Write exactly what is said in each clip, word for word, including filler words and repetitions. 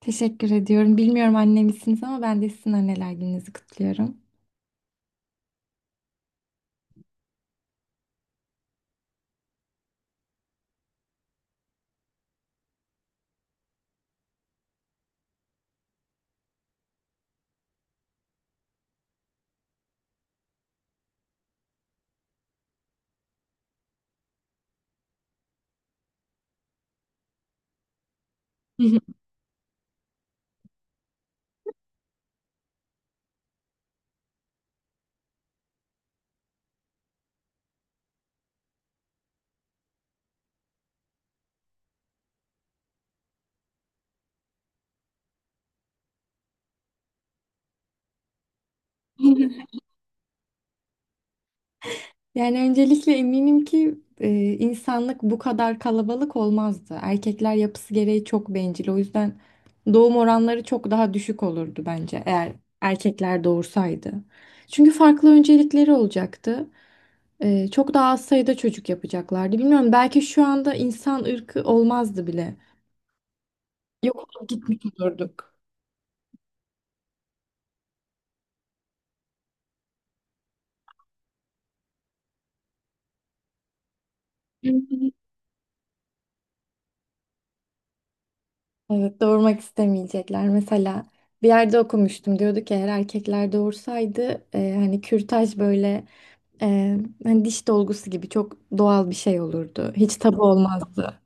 Teşekkür ediyorum. Bilmiyorum anne misiniz ama ben de sizin anneler gününüzü kutluyorum. Yani öncelikle eminim ki e, insanlık bu kadar kalabalık olmazdı. Erkekler yapısı gereği çok bencil. O yüzden doğum oranları çok daha düşük olurdu bence eğer erkekler doğursaydı. Çünkü farklı öncelikleri olacaktı. E, çok daha az sayıda çocuk yapacaklardı. Bilmiyorum, belki şu anda insan ırkı olmazdı bile. Yok olup gitmiş olurduk. Evet, doğurmak istemeyecekler. Mesela bir yerde okumuştum. Diyordu ki eğer erkekler doğursaydı, e, hani kürtaj böyle e, hani diş dolgusu gibi çok doğal bir şey olurdu. Hiç tabu olmazdı.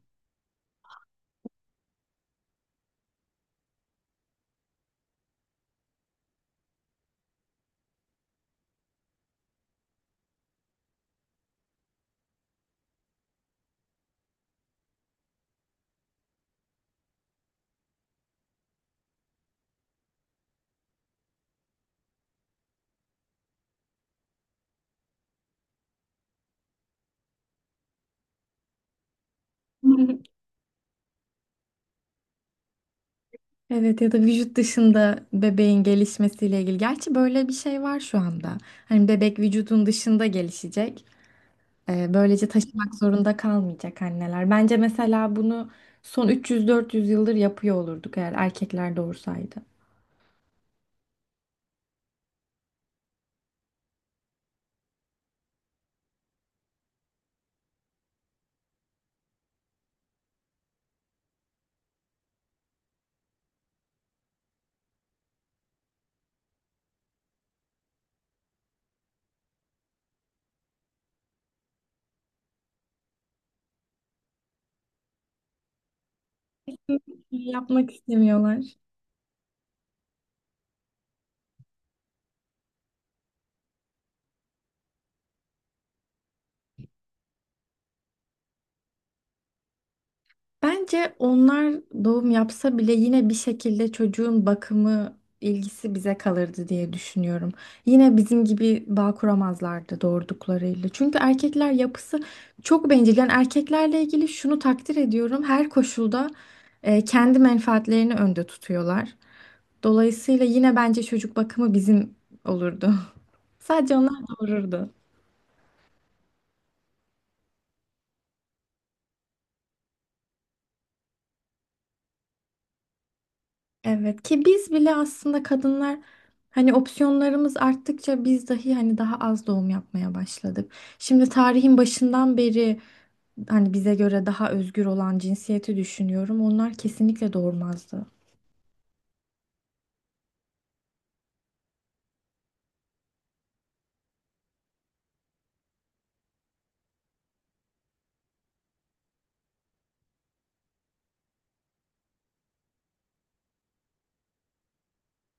Evet, ya da vücut dışında bebeğin gelişmesiyle ilgili. Gerçi böyle bir şey var şu anda. Hani bebek vücudun dışında gelişecek. Ee, böylece taşımak zorunda kalmayacak anneler. Bence mesela bunu son üç yüz dört yüz yıldır yapıyor olurduk eğer erkekler doğursaydı. Yapmak istemiyorlar. Bence onlar doğum yapsa bile yine bir şekilde çocuğun bakımı ilgisi bize kalırdı diye düşünüyorum. Yine bizim gibi bağ kuramazlardı doğurduklarıyla. Çünkü erkekler yapısı çok bencil. Yani erkeklerle ilgili şunu takdir ediyorum. Her koşulda e, kendi menfaatlerini önde tutuyorlar. Dolayısıyla yine bence çocuk bakımı bizim olurdu. Sadece onlar doğururdu. Evet, ki biz bile aslında kadınlar hani opsiyonlarımız arttıkça biz dahi hani daha az doğum yapmaya başladık. Şimdi tarihin başından beri hani bize göre daha özgür olan cinsiyeti düşünüyorum. Onlar kesinlikle doğurmazdı.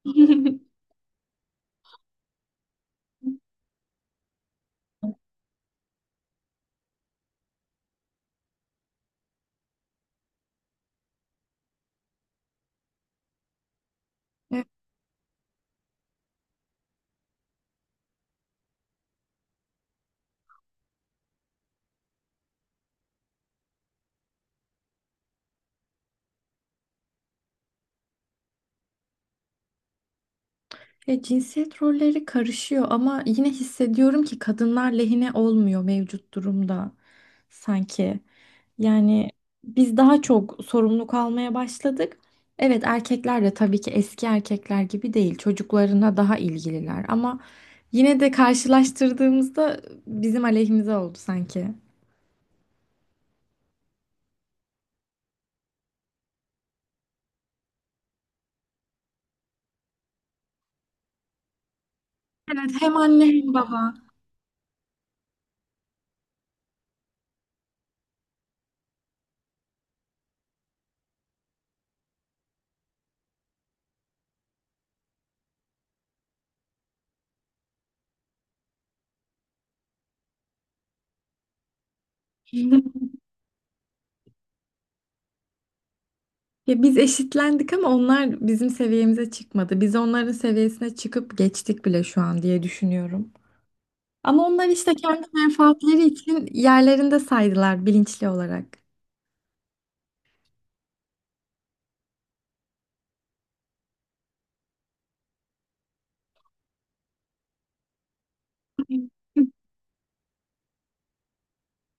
Ya cinsiyet rolleri karışıyor ama yine hissediyorum ki kadınlar lehine olmuyor mevcut durumda sanki. Yani biz daha çok sorumluluk almaya başladık. Evet, erkekler de tabii ki eski erkekler gibi değil. Çocuklarına daha ilgililer ama yine de karşılaştırdığımızda bizim aleyhimize oldu sanki. Evet, hem anne hem baba. Ya biz eşitlendik ama onlar bizim seviyemize çıkmadı. Biz onların seviyesine çıkıp geçtik bile şu an diye düşünüyorum. Ama onlar işte kendi menfaatleri için yerlerinde saydılar bilinçli olarak.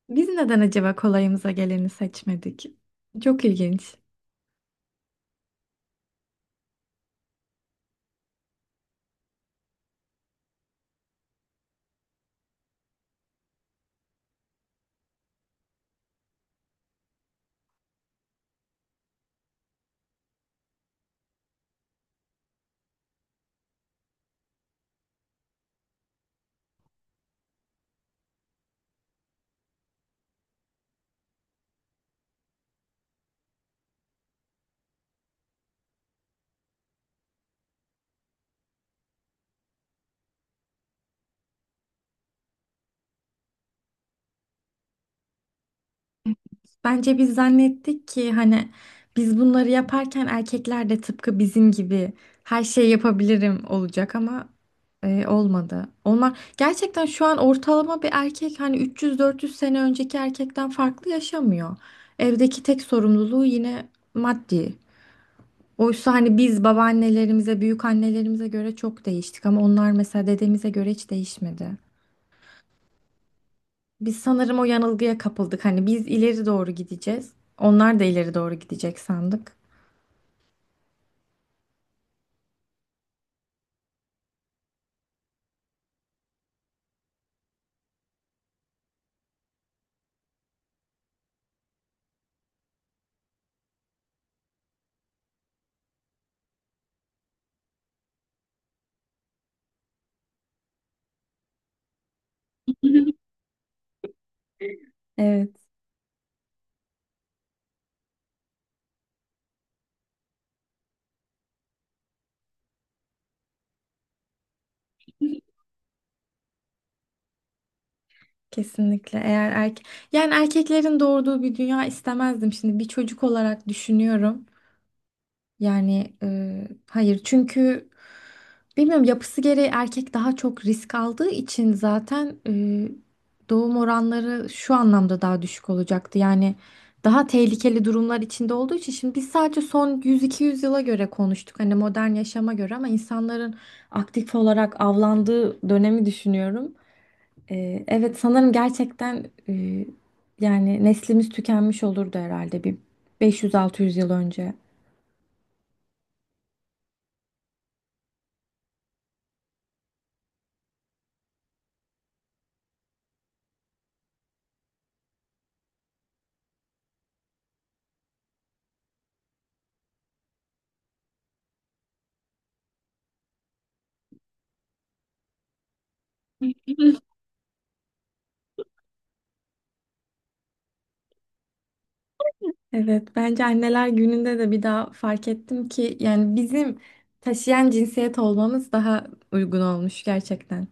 Biz neden acaba kolayımıza geleni seçmedik? Çok ilginç. Bence biz zannettik ki hani biz bunları yaparken erkekler de tıpkı bizim gibi her şeyi yapabilirim olacak ama e, olmadı. Onlar gerçekten şu an ortalama bir erkek hani üç yüz dört yüz sene önceki erkekten farklı yaşamıyor. Evdeki tek sorumluluğu yine maddi. Oysa hani biz babaannelerimize, büyük annelerimize göre çok değiştik ama onlar mesela dedemize göre hiç değişmedi. Biz sanırım o yanılgıya kapıldık. Hani biz ileri doğru gideceğiz. Onlar da ileri doğru gidecek sandık. Evet. Kesinlikle eğer erkek yani erkeklerin doğurduğu bir dünya istemezdim şimdi bir çocuk olarak düşünüyorum. Yani e, hayır, çünkü bilmiyorum, yapısı gereği erkek daha çok risk aldığı için zaten e, doğum oranları şu anlamda daha düşük olacaktı. Yani daha tehlikeli durumlar içinde olduğu için şimdi biz sadece son yüz iki yüz yıla göre konuştuk. Hani modern yaşama göre ama insanların aktif olarak avlandığı dönemi düşünüyorum. E, evet, sanırım gerçekten e, yani neslimiz tükenmiş olurdu herhalde bir beş yüz altı yüz yıl önce. Evet, bence anneler gününde de bir daha fark ettim ki yani bizim taşıyan cinsiyet olmamız daha uygun olmuş gerçekten.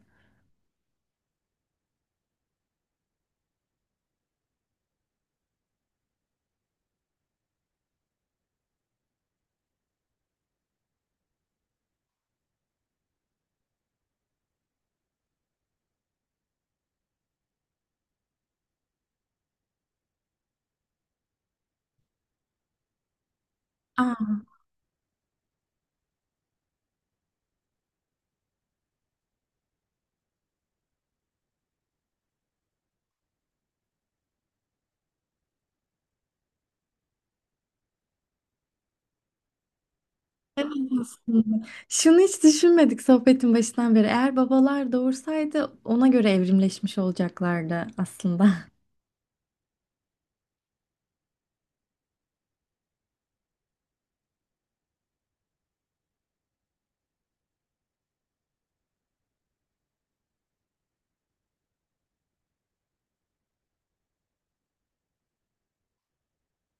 Aa, evet, aslında. Şunu hiç düşünmedik sohbetin başından beri. Eğer babalar doğursaydı ona göre evrimleşmiş olacaklardı aslında.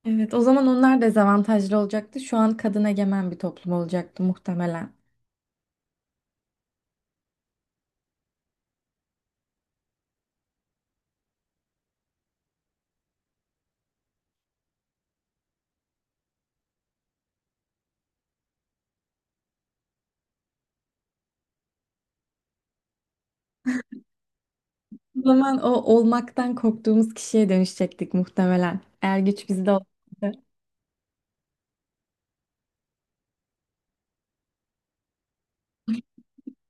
Evet, o zaman onlar dezavantajlı olacaktı. Şu an kadın egemen bir toplum olacaktı muhtemelen. O zaman o olmaktan korktuğumuz kişiye dönüşecektik muhtemelen. Eğer güç bizde olsaydı.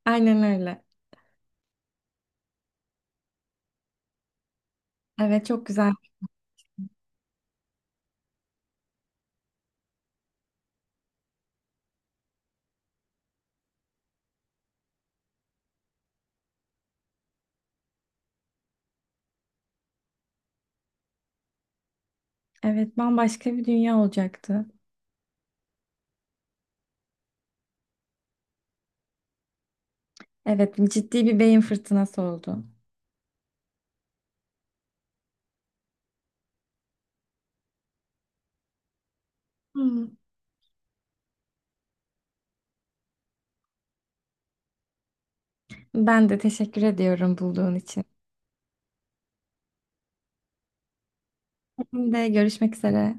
Aynen öyle. Evet, çok güzel. Evet, bambaşka bir dünya olacaktı. Evet, ciddi bir beyin fırtınası oldu. Hmm. Ben de teşekkür ediyorum bulduğun için. Benim de görüşmek üzere.